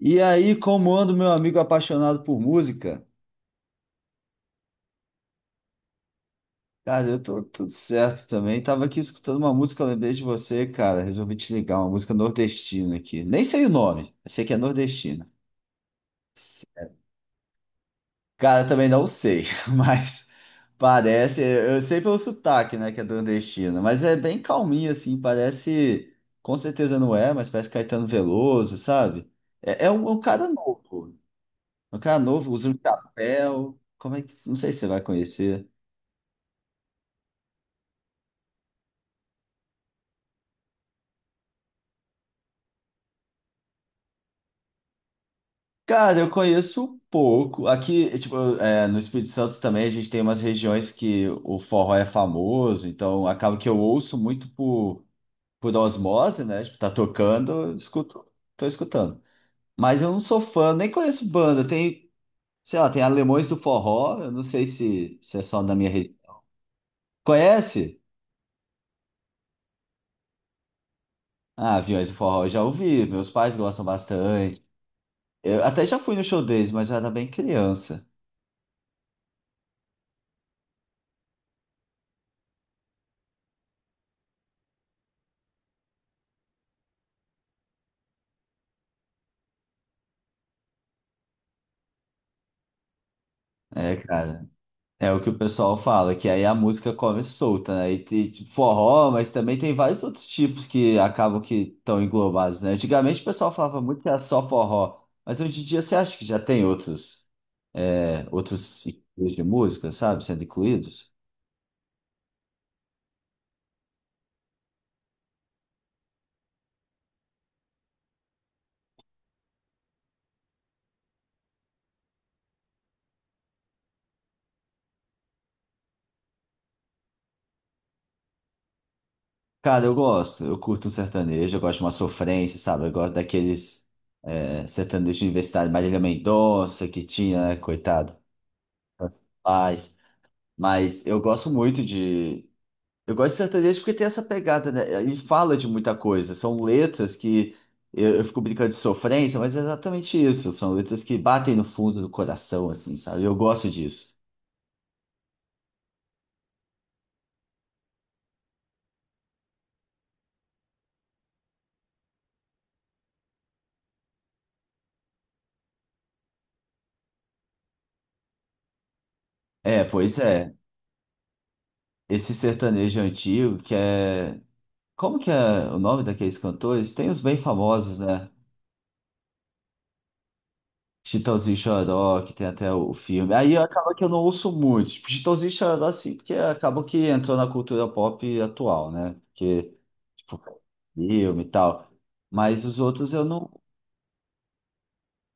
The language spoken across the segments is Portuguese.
E aí, como ando, meu amigo apaixonado por música? Cara, eu tô tudo certo também. Tava aqui escutando uma música, lembrei de você, cara. Resolvi te ligar, uma música nordestina aqui. Nem sei o nome, eu sei que é nordestina. Cara, também não sei, mas parece. Eu sei pelo sotaque, né, que é nordestina, mas é bem calminho, assim. Parece. Com certeza não é, mas parece Caetano Veloso, sabe? É um cara novo. Um cara novo, usa um chapéu. Como é que. Não sei se você vai conhecer. Cara, eu conheço pouco. Aqui, é, tipo, é, no Espírito Santo também a gente tem umas regiões que o forró é famoso, então acaba que eu ouço muito por osmose, né? Tipo, tá tocando, eu escuto, tô escutando. Mas eu não sou fã, nem conheço banda. Tem, sei lá, tem Alemões do Forró, eu não sei se é só na minha região. Conhece? Ah, Aviões do Forró, eu já ouvi, meus pais gostam bastante. Eu até já fui no show deles, mas eu era bem criança. É, cara. É o que o pessoal fala, que aí a música come solta, né? E tem tipo, forró, mas também tem vários outros tipos que acabam que estão englobados, né? Antigamente o pessoal falava muito que era só forró, mas hoje em dia você acha que já tem outros estilos de música, sabe, sendo incluídos? Cara, eu gosto, eu curto um sertanejo, eu gosto de uma sofrência, sabe? Eu gosto daqueles sertanejos universitários, Marília Mendonça, que tinha, né? Coitado, tantos pais. Mas eu gosto muito de Eu gosto de sertanejo porque tem essa pegada, né? Ele fala de muita coisa. São letras que eu fico brincando de sofrência, mas é exatamente isso. São letras que batem no fundo do coração, assim, sabe? Eu gosto disso. É, pois é. Esse sertanejo antigo que é. Como que é o nome daqueles cantores? Tem os bem famosos, né? Chitãozinho e Xoró, que tem até o filme. Aí acaba que eu não ouço muito. Tipo, Chitãozinho e Xoró, assim, porque acaba que entrou na cultura pop atual, né? Porque, tipo, filme e tal. Mas os outros eu não.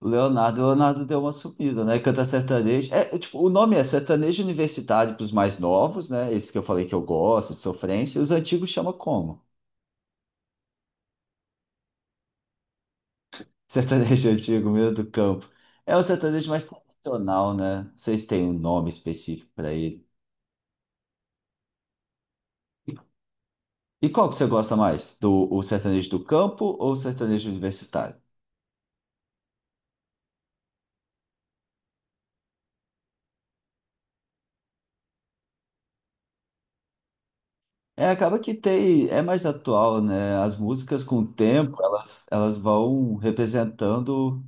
Leonardo, Leonardo deu uma sumida, né? Canta sertanejo. É, tipo, o nome é sertanejo universitário para os mais novos, né? Esse que eu falei que eu gosto, de sofrência. E os antigos chama como? Sertanejo antigo, meio do campo. É o sertanejo mais tradicional, né? Não sei se tem um nome específico para ele. E qual que você gosta mais? Do o sertanejo do campo ou o sertanejo universitário? É, acaba que tem, é mais atual, né? As músicas com o tempo, elas vão representando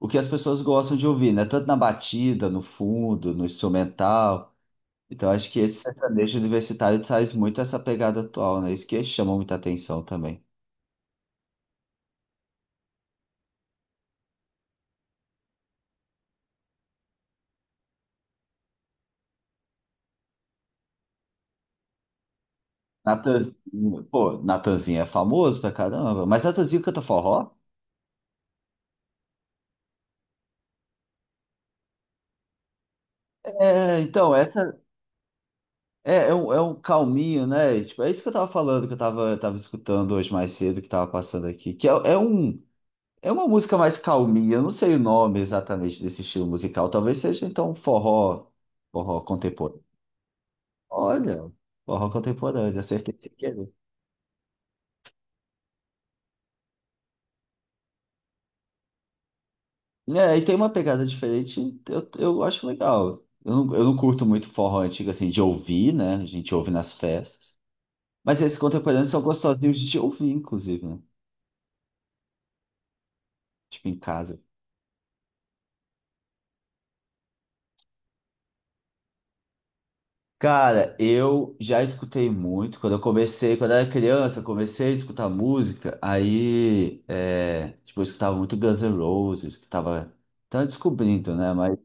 o que as pessoas gostam de ouvir, né? Tanto na batida, no fundo, no instrumental. Então, acho que esse sertanejo universitário traz muito essa pegada atual, né? Isso que chama muita atenção também. Natanzinho, pô, Natanzinho é famoso pra caramba, mas Natanzinho canta forró? É, então, essa é um calminho, né? E, tipo, é isso que eu tava falando, que eu tava escutando hoje mais cedo, que tava passando aqui. Que é uma música mais calminha, eu não sei o nome exatamente desse estilo musical. Talvez seja, então, um forró contemporâneo. Olha, forró contemporâneo, acertei sem querer. É, e tem uma pegada diferente, eu acho legal. Eu não curto muito forró antigo, assim, de ouvir, né? A gente ouve nas festas. Mas esses contemporâneos são gostosinhos de ouvir, inclusive, né? Tipo, em casa. Cara, eu já escutei muito. Quando eu comecei, quando eu era criança, eu comecei a escutar música. Aí, é, tipo, eu escutava muito Guns N' Roses, que tava descobrindo, né? Mas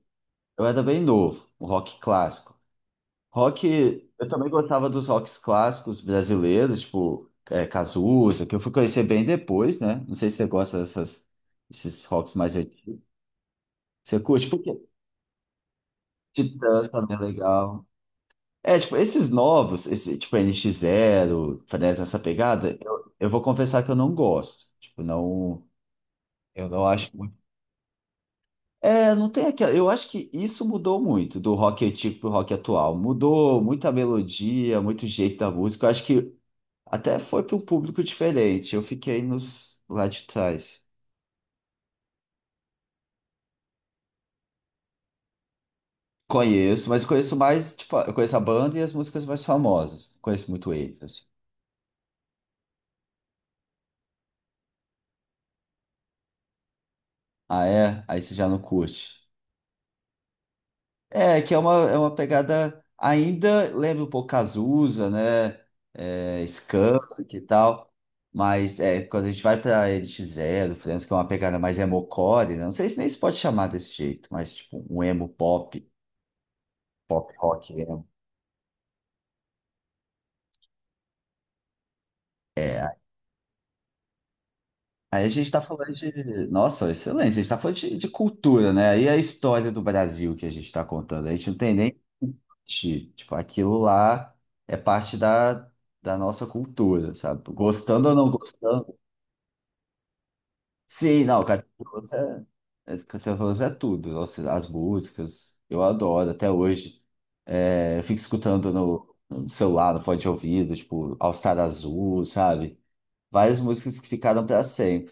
eu era bem novo, o rock clássico. Rock, eu também gostava dos rocks clássicos brasileiros, tipo, é, Cazuza, que eu fui conhecer bem depois, né? Não sei se você gosta desses rocks mais antigos. Você curte? Porque Titãs também é legal. É, tipo, esses novos, esse, tipo, N NX Zero, Fresno, essa pegada, eu vou confessar que eu não gosto. Tipo, não, eu não acho muito. É, não tem aquela. Eu acho que isso mudou muito do rock antigo pro rock atual. Mudou muita melodia, muito jeito da música. Eu acho que até foi para um público diferente. Eu fiquei nos lá de trás. Conheço, mas conheço mais, tipo, eu conheço a banda e as músicas mais famosas. Não conheço muito eles, assim. Ah, é? Aí você já não curte. É, que é uma pegada ainda, lembra um pouco Cazuza, né? É, Skank e tal. Mas é, quando a gente vai para NX Zero, França, que é uma pegada mais emocore, né? Não sei se nem se pode chamar desse jeito, mas tipo um emo pop, pop rock emo. É. Aí a gente está falando de. Nossa, excelência, a gente está falando de cultura, né? Aí a história do Brasil que a gente está contando. A gente não tem nem o que discutir. Tipo, aquilo lá é parte da nossa cultura, sabe? Gostando ou não gostando. Sim, não, Caetano Veloso é tudo. Nossa, as músicas, eu adoro até hoje. É, eu fico escutando no celular, no fone de ouvido, tipo, All Star Azul, sabe? Várias músicas que ficaram para sempre.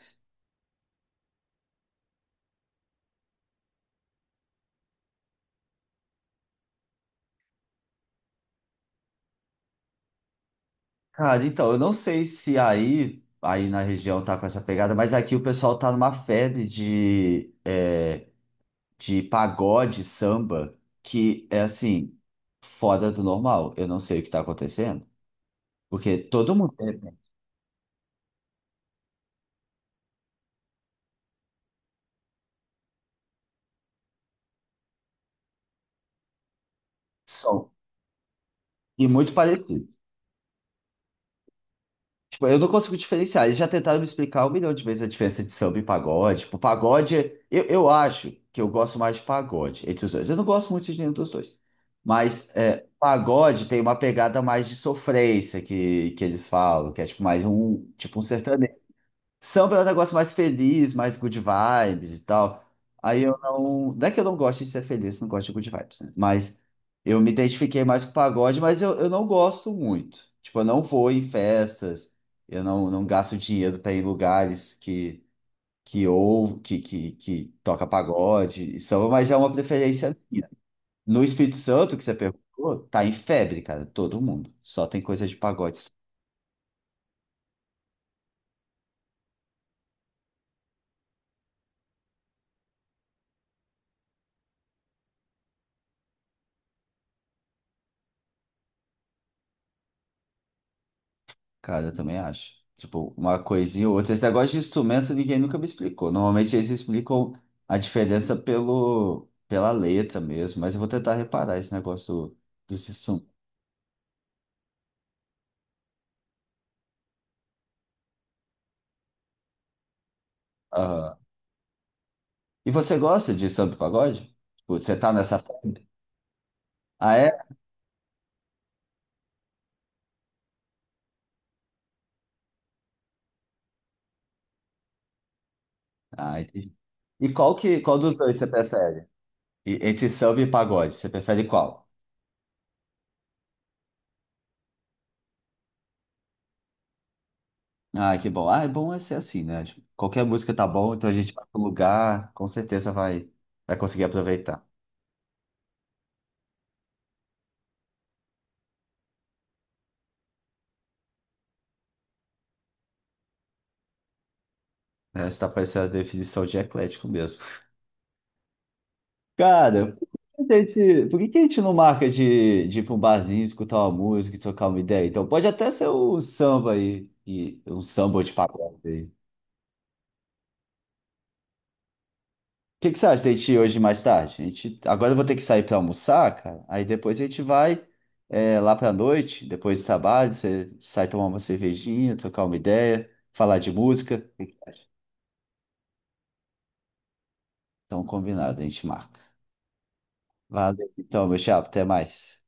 Cara, então, eu não sei se aí na região tá com essa pegada, mas aqui o pessoal tá numa febre de pagode, samba, que é assim, fora do normal. Eu não sei o que tá acontecendo, porque todo mundo tem né, som, e muito parecido. Tipo, eu não consigo diferenciar. Eles já tentaram me explicar um milhão de vezes a diferença de samba e pagode. Tipo, pagode, eu acho que eu gosto mais de pagode entre os dois. Eu não gosto muito de nenhum dos dois. Mas é, pagode tem uma pegada mais de sofrência que eles falam, que é tipo mais um, tipo um sertanejo. Samba é um negócio mais feliz, mais good vibes e tal. Aí eu não. Não é que eu não gosto de ser feliz, não gosto de good vibes, né? Mas eu me identifiquei mais com o pagode, mas eu não gosto muito. Tipo, eu não vou em festas, eu não gasto dinheiro para ir em lugares que ou que, que toca pagode e samba, mas é uma preferência minha. No Espírito Santo, que você perguntou, tá em febre, cara, todo mundo. Só tem coisa de pagode. Cara, eu também acho. Tipo, uma coisinha ou outra. Esse negócio de instrumento ninguém nunca me explicou. Normalmente eles explicam a diferença pela letra mesmo, mas eu vou tentar reparar esse negócio dos instrumentos. Aham. E você gosta de samba e pagode? Tipo, você tá nessa febre? Ah, é? Ah, entendi. E qual dos dois você prefere? Entre samba e pagode, você prefere qual? Ah, que bom. Ah, é bom é ser assim, né? Tipo, qualquer música tá bom, então a gente vai pro lugar, com certeza vai conseguir aproveitar. Né? Você tá parecendo a definição de eclético mesmo. Cara, por que a gente, por que que a gente não marca de ir pra um barzinho, escutar uma música e trocar uma ideia? Então, pode até ser o samba aí, e um samba de pagode aí. O que que você acha da gente ir hoje mais tarde? Agora eu vou ter que sair pra almoçar, cara. Aí depois a gente vai lá pra noite, depois do trabalho, você sai tomar uma cervejinha, trocar uma ideia, falar de música. O que que você acha? Então, combinado, a gente marca. Valeu, então, meu chapa, até mais.